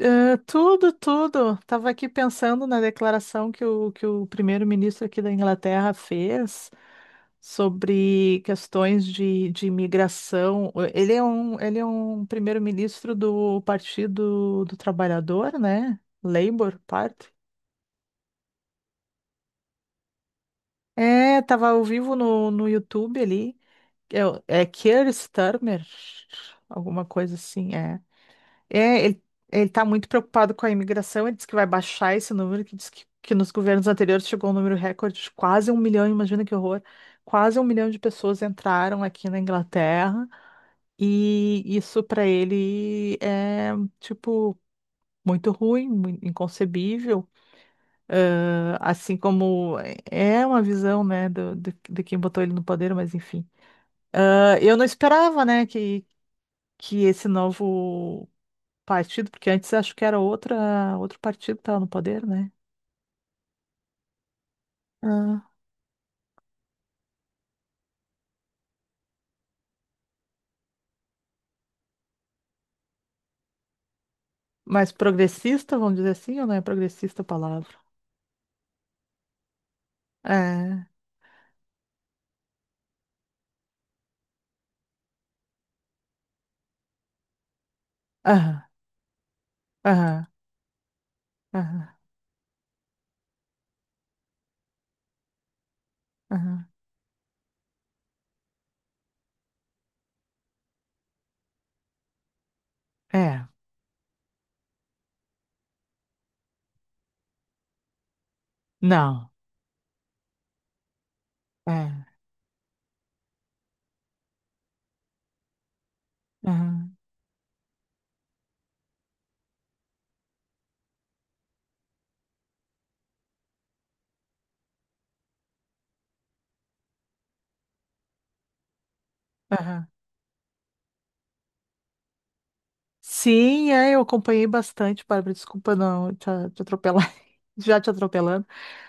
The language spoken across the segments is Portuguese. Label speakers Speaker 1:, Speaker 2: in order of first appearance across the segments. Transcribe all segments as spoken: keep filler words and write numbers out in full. Speaker 1: Ah, tudo, tudo. Tava aqui pensando na declaração que o, que o primeiro-ministro aqui da Inglaterra fez sobre questões de, de imigração. Ele é um, ele é um primeiro-ministro do Partido do Trabalhador, né? Labour Party. É, tava ao vivo no, no YouTube ali. É, o- é Keir Starmer, alguma coisa assim. É. É, ele, ele tá muito preocupado com a imigração, ele diz que vai baixar esse número, que diz que, que nos governos anteriores chegou um número recorde de quase um milhão, imagina que horror. Quase um milhão de pessoas entraram aqui na Inglaterra, e isso para ele é, tipo, muito ruim, mui- inconcebível. Ah, Assim como é é uma visão, né, do, do, de quem botou ele no poder, mas enfim. Ah, Eu não esperava, né, que, que esse novo partido, porque antes acho que era outra, outro partido que estava no poder, né? Ah, mas progressista, vamos dizer assim, ou não é progressista a palavra? É. Aham, aham, aham, aham. É. Não. É. Aham, aham. Sim, é, eu acompanhei bastante, Bárbara, desculpa não te, te atropelar, já te atropelando,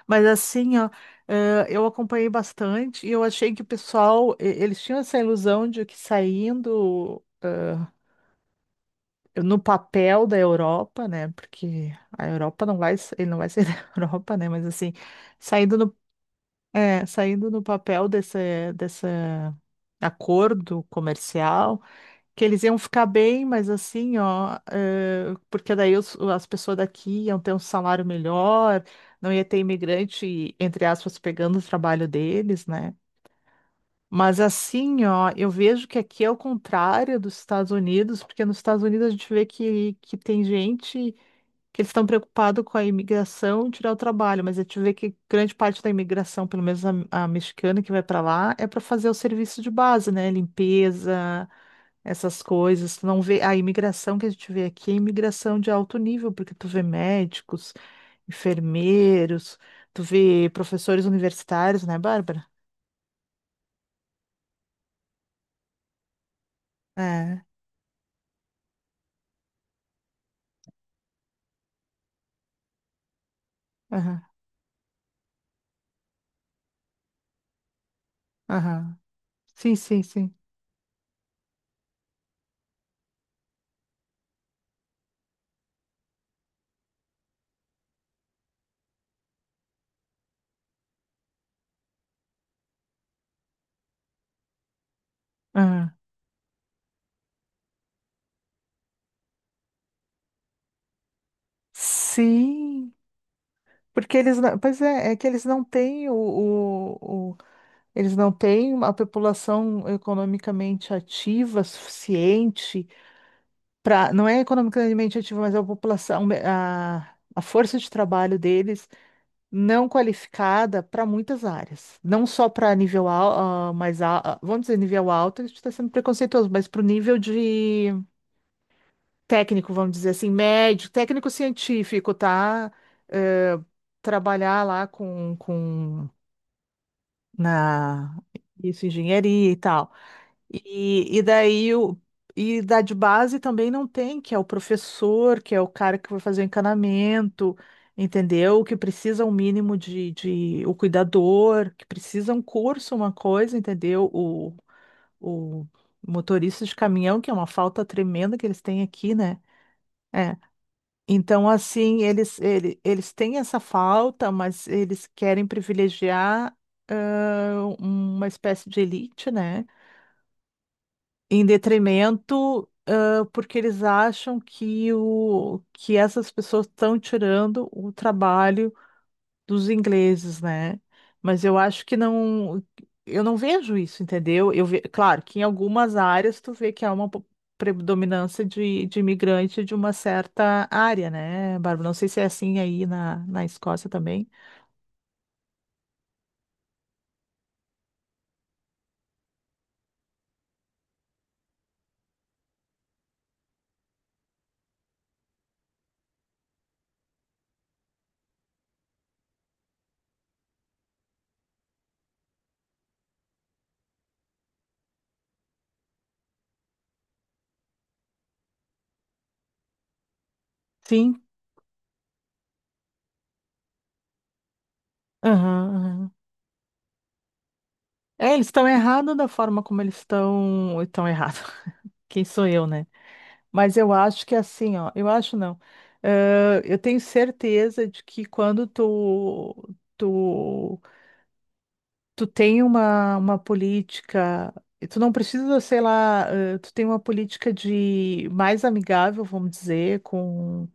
Speaker 1: mas assim, ó, eh, eu acompanhei bastante e eu achei que o pessoal, eh, eles tinham essa ilusão de que saindo no papel da Europa, né? Porque a Europa não vai, ele não vai sair da Europa, né? Mas assim, saindo no, é, saindo no papel desse, desse acordo comercial, que eles iam ficar bem, mas assim, ó, eh, porque daí os- as pessoas daqui iam ter um salário melhor, não ia ter imigrante, entre aspas, pegando o trabalho deles, né? Mas assim, ó, eu vejo que aqui é o contrário dos Estados Unidos, porque nos Estados Unidos a gente vê que, que tem gente que eles estão preocupados com a imigração e tirar o trabalho, mas a gente vê que grande parte da imigração, pelo menos a, a mexicana que vai para lá, é para fazer o serviço de base, né? Limpeza, essas coisas. Tu não vê, a imigração que a gente vê aqui é imigração de alto nível, porque tu vê médicos, enfermeiros, tu vê professores universitários, né, Bárbara? É. Aham, aham. Sim, sim, sim. Ah, sim, porque eles não, pois é, é que eles não têm o, o, o- eles não têm uma população economicamente ativa suficiente para, não é economicamente ativa, mas é a população, a, a força de trabalho deles não qualificada para muitas áreas, não só para nível al, ah, mais al, ah, vamos dizer nível alto, a gente está sendo preconceituoso, mas para o nível de técnico, vamos dizer assim, médio, técnico científico, tá? Eh, trabalhar lá com, com na isso, engenharia e tal. E, e daí o e da de base também não tem, que é o professor, que é o cara que vai fazer o encanamento, entendeu? Que precisa um mínimo de, de o cuidador, que precisa um curso, uma coisa, entendeu? O, o motorista de caminhão, que é uma falta tremenda que eles têm aqui, né? É. Então, assim, eles, ele- eles têm essa falta, mas eles querem privilegiar ãh, uma espécie de elite, né? Em detrimento, ãh, porque eles acham que, o, que essas pessoas estão tirando o trabalho dos ingleses, né? Mas eu acho que não, eu não vejo isso, entendeu? Eu ve- claro que em algumas áreas tu vê que há uma po- predominância de, de imigrante de uma certa área, né, Bárbara? Não sei se é assim aí na, na Escócia também. Sim. Aham, aham. É, eles estão errados, da forma como eles estão, estão errados. Quem sou eu, né? Mas eu acho que é assim, ó, eu acho não. Eh, eu tenho certeza de que quando tu, tu tu tem uma, uma política, tu não precisa, sei lá, eh, tu tem uma política de mais amigável, vamos dizer, com,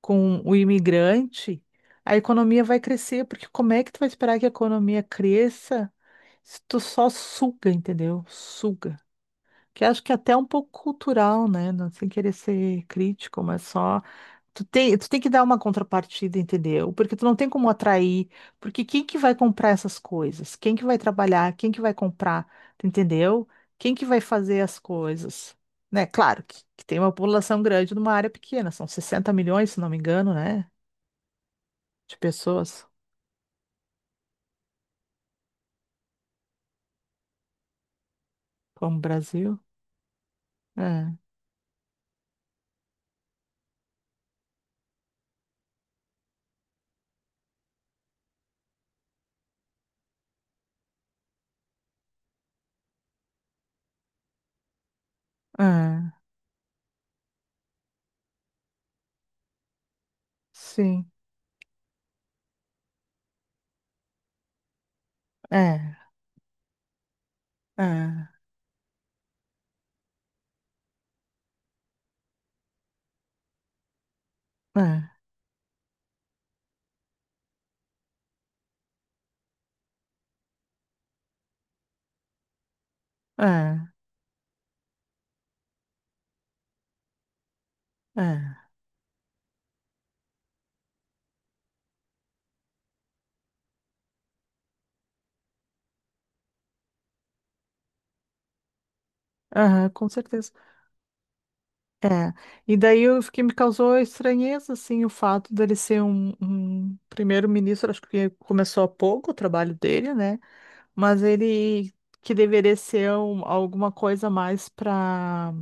Speaker 1: com o imigrante, a economia vai crescer, porque como é que tu vai esperar que a economia cresça se tu só suga, entendeu? Suga. Que acho que é até um pouco cultural, né? Não sem querer ser crítico, mas só. Tu tem, tu tem que dar uma contrapartida, entendeu? Porque tu não tem como atrair, porque quem que vai comprar essas coisas? Quem que vai trabalhar? Quem que vai comprar? Tu entendeu? Quem que vai fazer as coisas? Né? Claro que, que tem uma população grande numa área pequena, são sessenta milhões, se não me engano, né? De pessoas, como o Brasil. É, é, sim, é, é, é, é, é, aham, com certeza. É, e daí o que me causou estranheza, assim, o fato dele ser um, um primeiro-ministro, acho que começou há pouco o trabalho dele, né? Mas ele que deveria ser um- alguma coisa mais para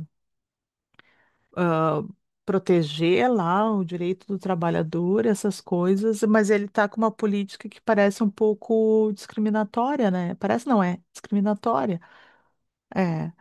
Speaker 1: proteger lá o direito do trabalhador, essas coisas, mas ele tá com uma política que parece um pouco discriminatória, né? Parece não, é discriminatória. É.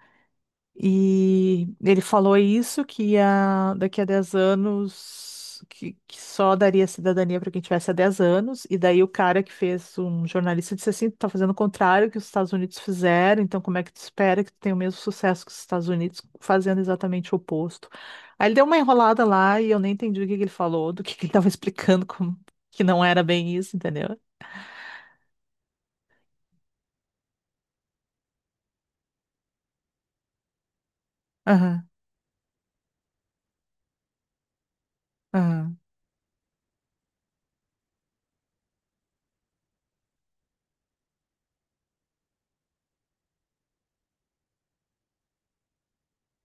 Speaker 1: E ele falou isso, que ia, daqui a dez anos, que, que só daria cidadania para quem tivesse há dez anos. E daí o cara que fez, um jornalista, disse assim, tu tá fazendo o contrário que os Estados Unidos fizeram, então como é que tu espera que tu tenha o mesmo sucesso que os Estados Unidos, fazendo exatamente o oposto? Aí ele deu uma enrolada lá e eu nem entendi o que que ele falou, do que que ele estava explicando, como, que não era bem isso, entendeu? Aham, aham,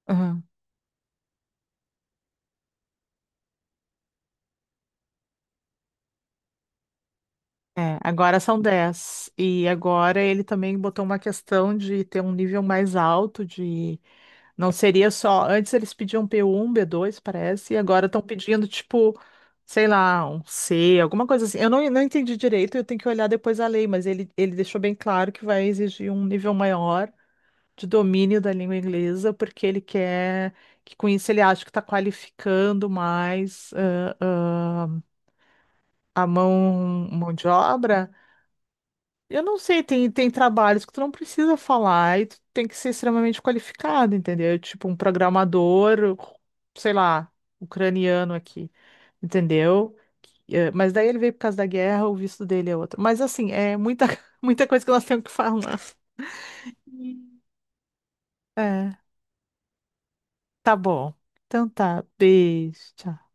Speaker 1: aham. É, agora são dez. E agora ele também botou uma questão de ter um nível mais alto de. Não seria só. Antes eles pediam pê um, bê dois parece, e agora estão pedindo, tipo, sei lá, um cê, alguma coisa assim. Eu não, não entendi direito, eu tenho que olhar depois a lei, mas ele, ele deixou bem claro que vai exigir um nível maior de domínio da língua inglesa, porque ele quer que com isso ele acha que está qualificando mais ah, ah, a mão, mão de obra. Eu não sei, tem, tem trabalhos que tu não precisa falar e tu tem que ser extremamente qualificado, entendeu? Tipo um programador, sei lá, ucraniano aqui, entendeu? Eh, Mas daí ele veio por causa da guerra, o visto dele é outro. Mas assim, é muita, muita coisa que nós temos que falar. É, tá bom. Então tá, beijo, tchau.